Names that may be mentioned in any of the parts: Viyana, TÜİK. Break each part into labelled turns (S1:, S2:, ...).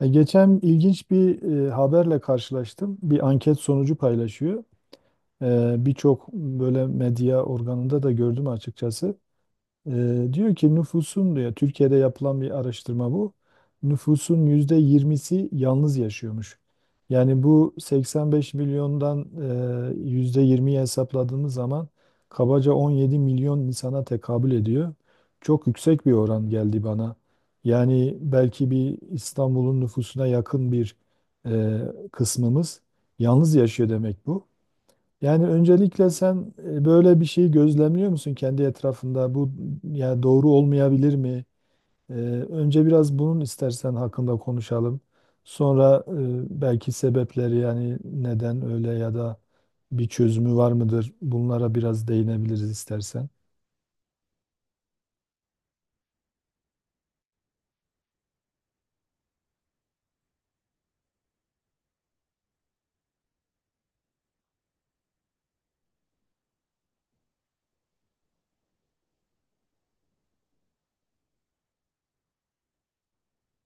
S1: Geçen ilginç bir haberle karşılaştım. Bir anket sonucu paylaşıyor. Birçok böyle medya organında da gördüm açıkçası. Diyor ki nüfusun diyor Türkiye'de yapılan bir araştırma bu. Nüfusun %20'si yalnız yaşıyormuş. Yani bu 85 milyondan %20'yi hesapladığımız zaman kabaca 17 milyon insana tekabül ediyor. Çok yüksek bir oran geldi bana. Yani belki bir İstanbul'un nüfusuna yakın bir e, kısmımız yalnız yaşıyor demek bu. Yani öncelikle sen böyle bir şey gözlemliyor musun kendi etrafında? Bu yani doğru olmayabilir mi? E, Önce biraz bunun istersen hakkında konuşalım. Sonra belki sebepleri yani neden öyle ya da bir çözümü var mıdır? Bunlara biraz değinebiliriz istersen.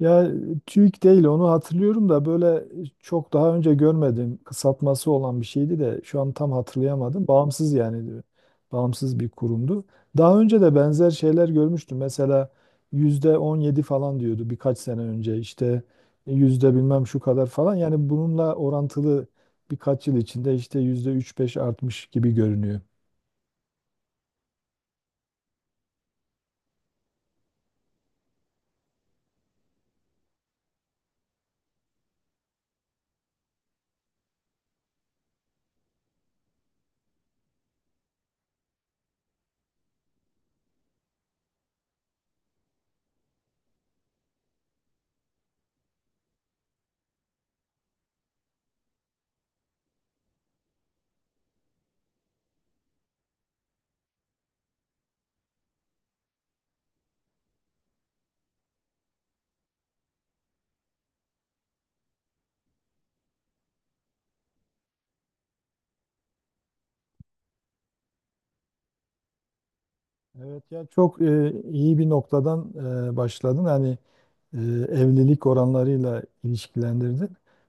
S1: Ya TÜİK değil onu hatırlıyorum da böyle çok daha önce görmedim. Kısaltması olan bir şeydi de şu an tam hatırlayamadım. Bağımsız yani diyor. Bağımsız bir kurumdu. Daha önce de benzer şeyler görmüştüm. Mesela %17 falan diyordu birkaç sene önce işte yüzde bilmem şu kadar falan. Yani bununla orantılı birkaç yıl içinde işte yüzde üç beş artmış gibi görünüyor. Evet ya çok iyi bir noktadan başladın. Hani e, evlilik oranlarıyla ilişkilendirdin.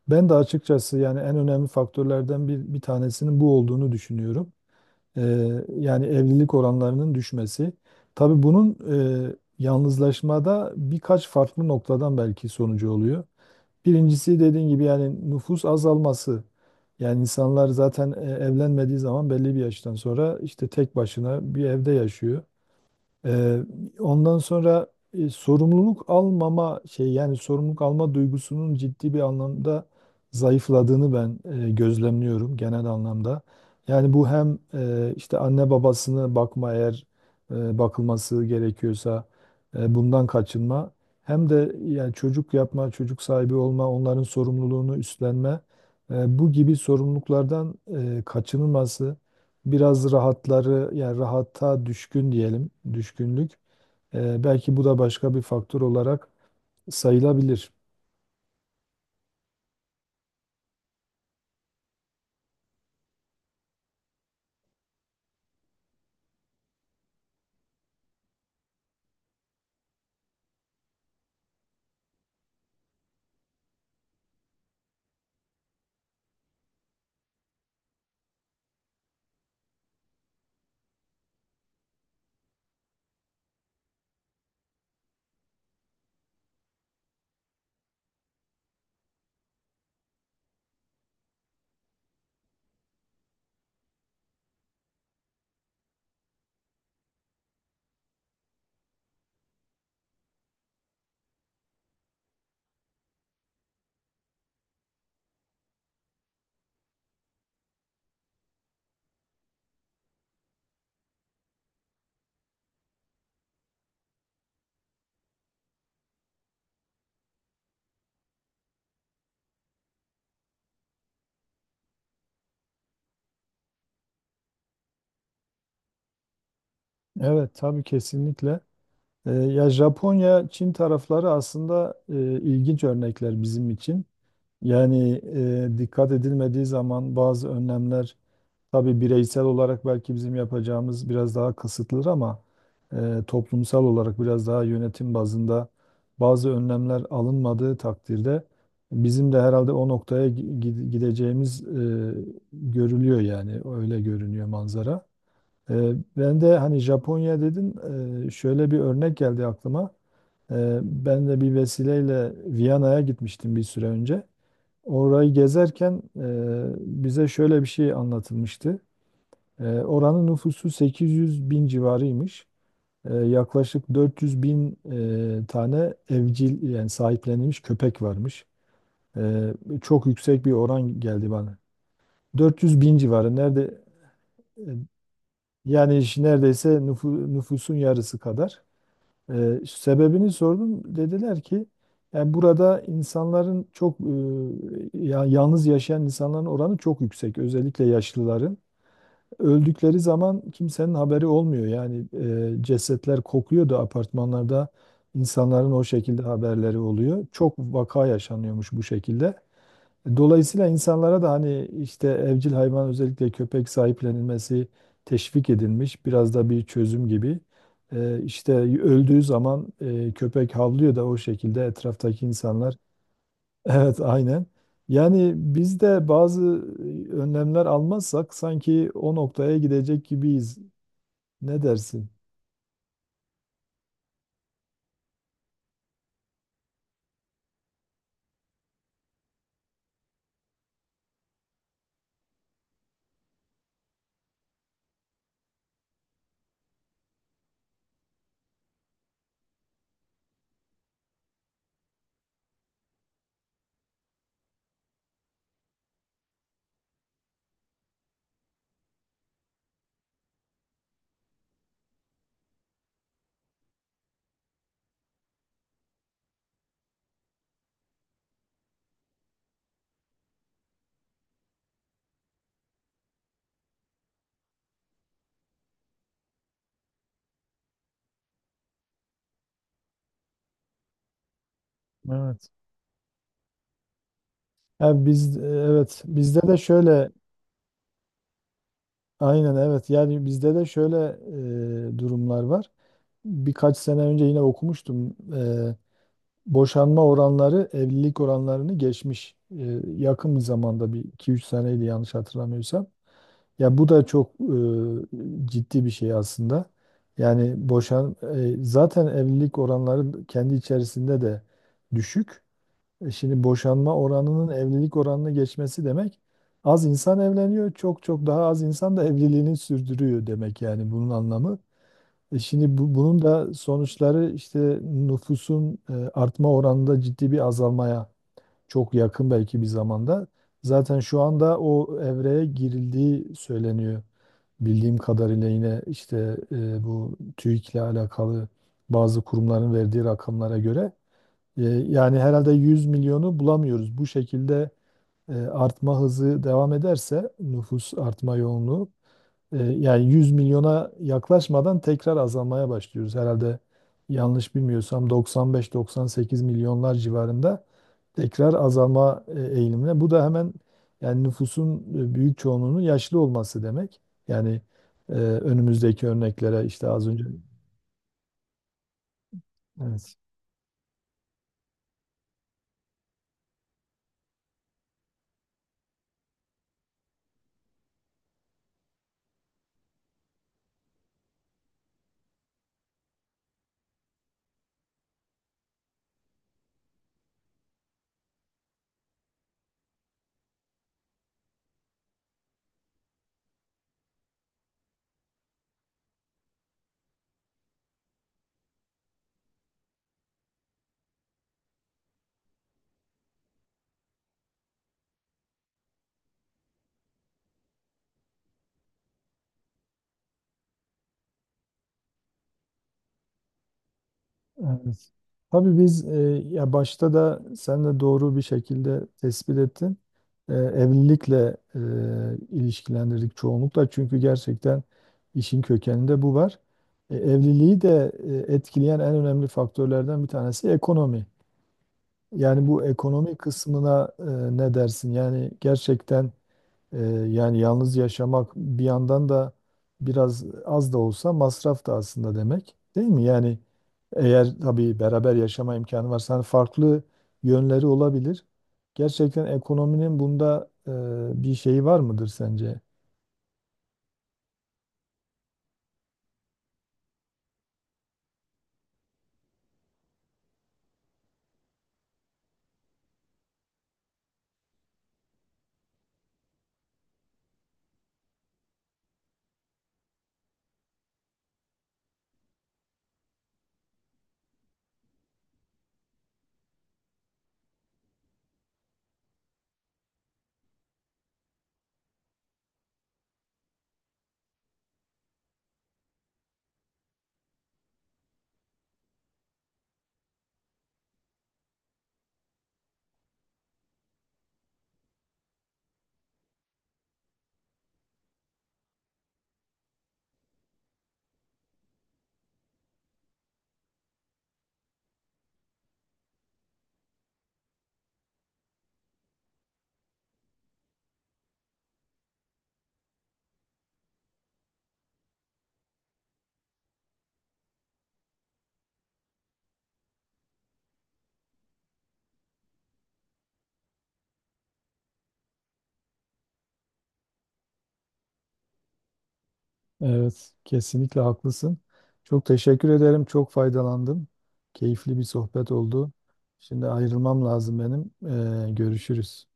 S1: Ben de açıkçası yani en önemli faktörlerden bir tanesinin bu olduğunu düşünüyorum. E, Yani evlilik oranlarının düşmesi. Tabii bunun yalnızlaşmada birkaç farklı noktadan belki sonucu oluyor. Birincisi dediğin gibi yani nüfus azalması. Yani insanlar zaten evlenmediği zaman belli bir yaştan sonra işte tek başına bir evde yaşıyor. Ee, Ondan sonra sorumluluk almama şey yani sorumluluk alma duygusunun ciddi bir anlamda zayıfladığını ben gözlemliyorum genel anlamda. Yani bu hem işte anne babasını bakma eğer bakılması gerekiyorsa bundan kaçınma hem de yani çocuk yapma, çocuk sahibi olma, onların sorumluluğunu üstlenme bu gibi sorumluluklardan kaçınılması biraz rahatları yani rahata düşkün diyelim düşkünlük. Belki bu da başka bir faktör olarak sayılabilir. Evet tabii kesinlikle. Ya Japonya, Çin tarafları aslında ilginç örnekler bizim için. Yani dikkat edilmediği zaman bazı önlemler. Tabii bireysel olarak belki bizim yapacağımız biraz daha kısıtlıdır ama toplumsal olarak biraz daha yönetim bazında bazı önlemler alınmadığı takdirde bizim de herhalde o noktaya gideceğimiz görülüyor yani öyle görünüyor manzara. E, Ben de hani Japonya dedin, şöyle bir örnek geldi aklıma. Ben de bir vesileyle Viyana'ya gitmiştim bir süre önce. Orayı gezerken bize şöyle bir şey anlatılmıştı. Oranın nüfusu 800 bin civarıymış. Yaklaşık 400 bin tane evcil yani sahiplenilmiş köpek varmış. Ee, Çok yüksek bir oran geldi bana. 400 bin civarı nerede, e, yani işte neredeyse nüfusun yarısı kadar. Sebebini sordum dediler ki yani burada insanların çok yalnız yaşayan insanların oranı çok yüksek özellikle yaşlıların. Öldükleri zaman kimsenin haberi olmuyor. Yani cesetler kokuyordu apartmanlarda. İnsanların o şekilde haberleri oluyor. Çok vaka yaşanıyormuş bu şekilde. Dolayısıyla insanlara da hani işte evcil hayvan özellikle köpek sahiplenilmesi teşvik edilmiş. Biraz da bir çözüm gibi. İşte öldüğü zaman köpek havlıyor da o şekilde etraftaki insanlar. Evet, aynen. Yani biz de bazı önlemler almazsak sanki o noktaya gidecek gibiyiz. Ne dersin? Evet. Ha, biz evet bizde de şöyle aynen evet yani bizde de şöyle durumlar var. Birkaç sene önce yine okumuştum. Boşanma oranları evlilik oranlarını geçmiş. Yakın bir zamanda bir 2-3 seneydi yanlış hatırlamıyorsam. Ya bu da çok ciddi bir şey aslında. Yani zaten evlilik oranları kendi içerisinde de düşük. Şimdi boşanma oranının evlilik oranını geçmesi demek az insan evleniyor, çok çok daha az insan da evliliğini sürdürüyor demek yani bunun anlamı. Şimdi bunun da sonuçları işte nüfusun artma oranında ciddi bir azalmaya çok yakın belki bir zamanda. Zaten şu anda o evreye girildiği söyleniyor. Bildiğim kadarıyla yine işte bu TÜİK'le alakalı bazı kurumların verdiği rakamlara göre, yani herhalde 100 milyonu bulamıyoruz. Bu şekilde artma hızı devam ederse nüfus artma yoğunluğu, yani 100 milyona yaklaşmadan tekrar azalmaya başlıyoruz. Herhalde yanlış bilmiyorsam 95-98 milyonlar civarında tekrar azalma eğilimine. Bu da hemen yani nüfusun büyük çoğunluğunun yaşlı olması demek. Yani önümüzdeki örneklere işte az önce evet. Evet. Tabii ya başta da sen de doğru bir şekilde tespit ettin. Evlilikle ilişkilendirdik çoğunlukla çünkü gerçekten işin kökeninde bu var. Evliliği de etkileyen en önemli faktörlerden bir tanesi ekonomi. Yani bu ekonomi kısmına, ne dersin? Yani gerçekten ee, yani yalnız yaşamak bir yandan da biraz az da olsa masraf da aslında demek değil mi? Yani eğer tabii beraber yaşama imkanı varsa hani farklı yönleri olabilir. Gerçekten ekonominin bunda bir şeyi var mıdır sence? Evet, kesinlikle haklısın. Çok teşekkür ederim. Çok faydalandım. Keyifli bir sohbet oldu. Şimdi ayrılmam lazım benim. Görüşürüz.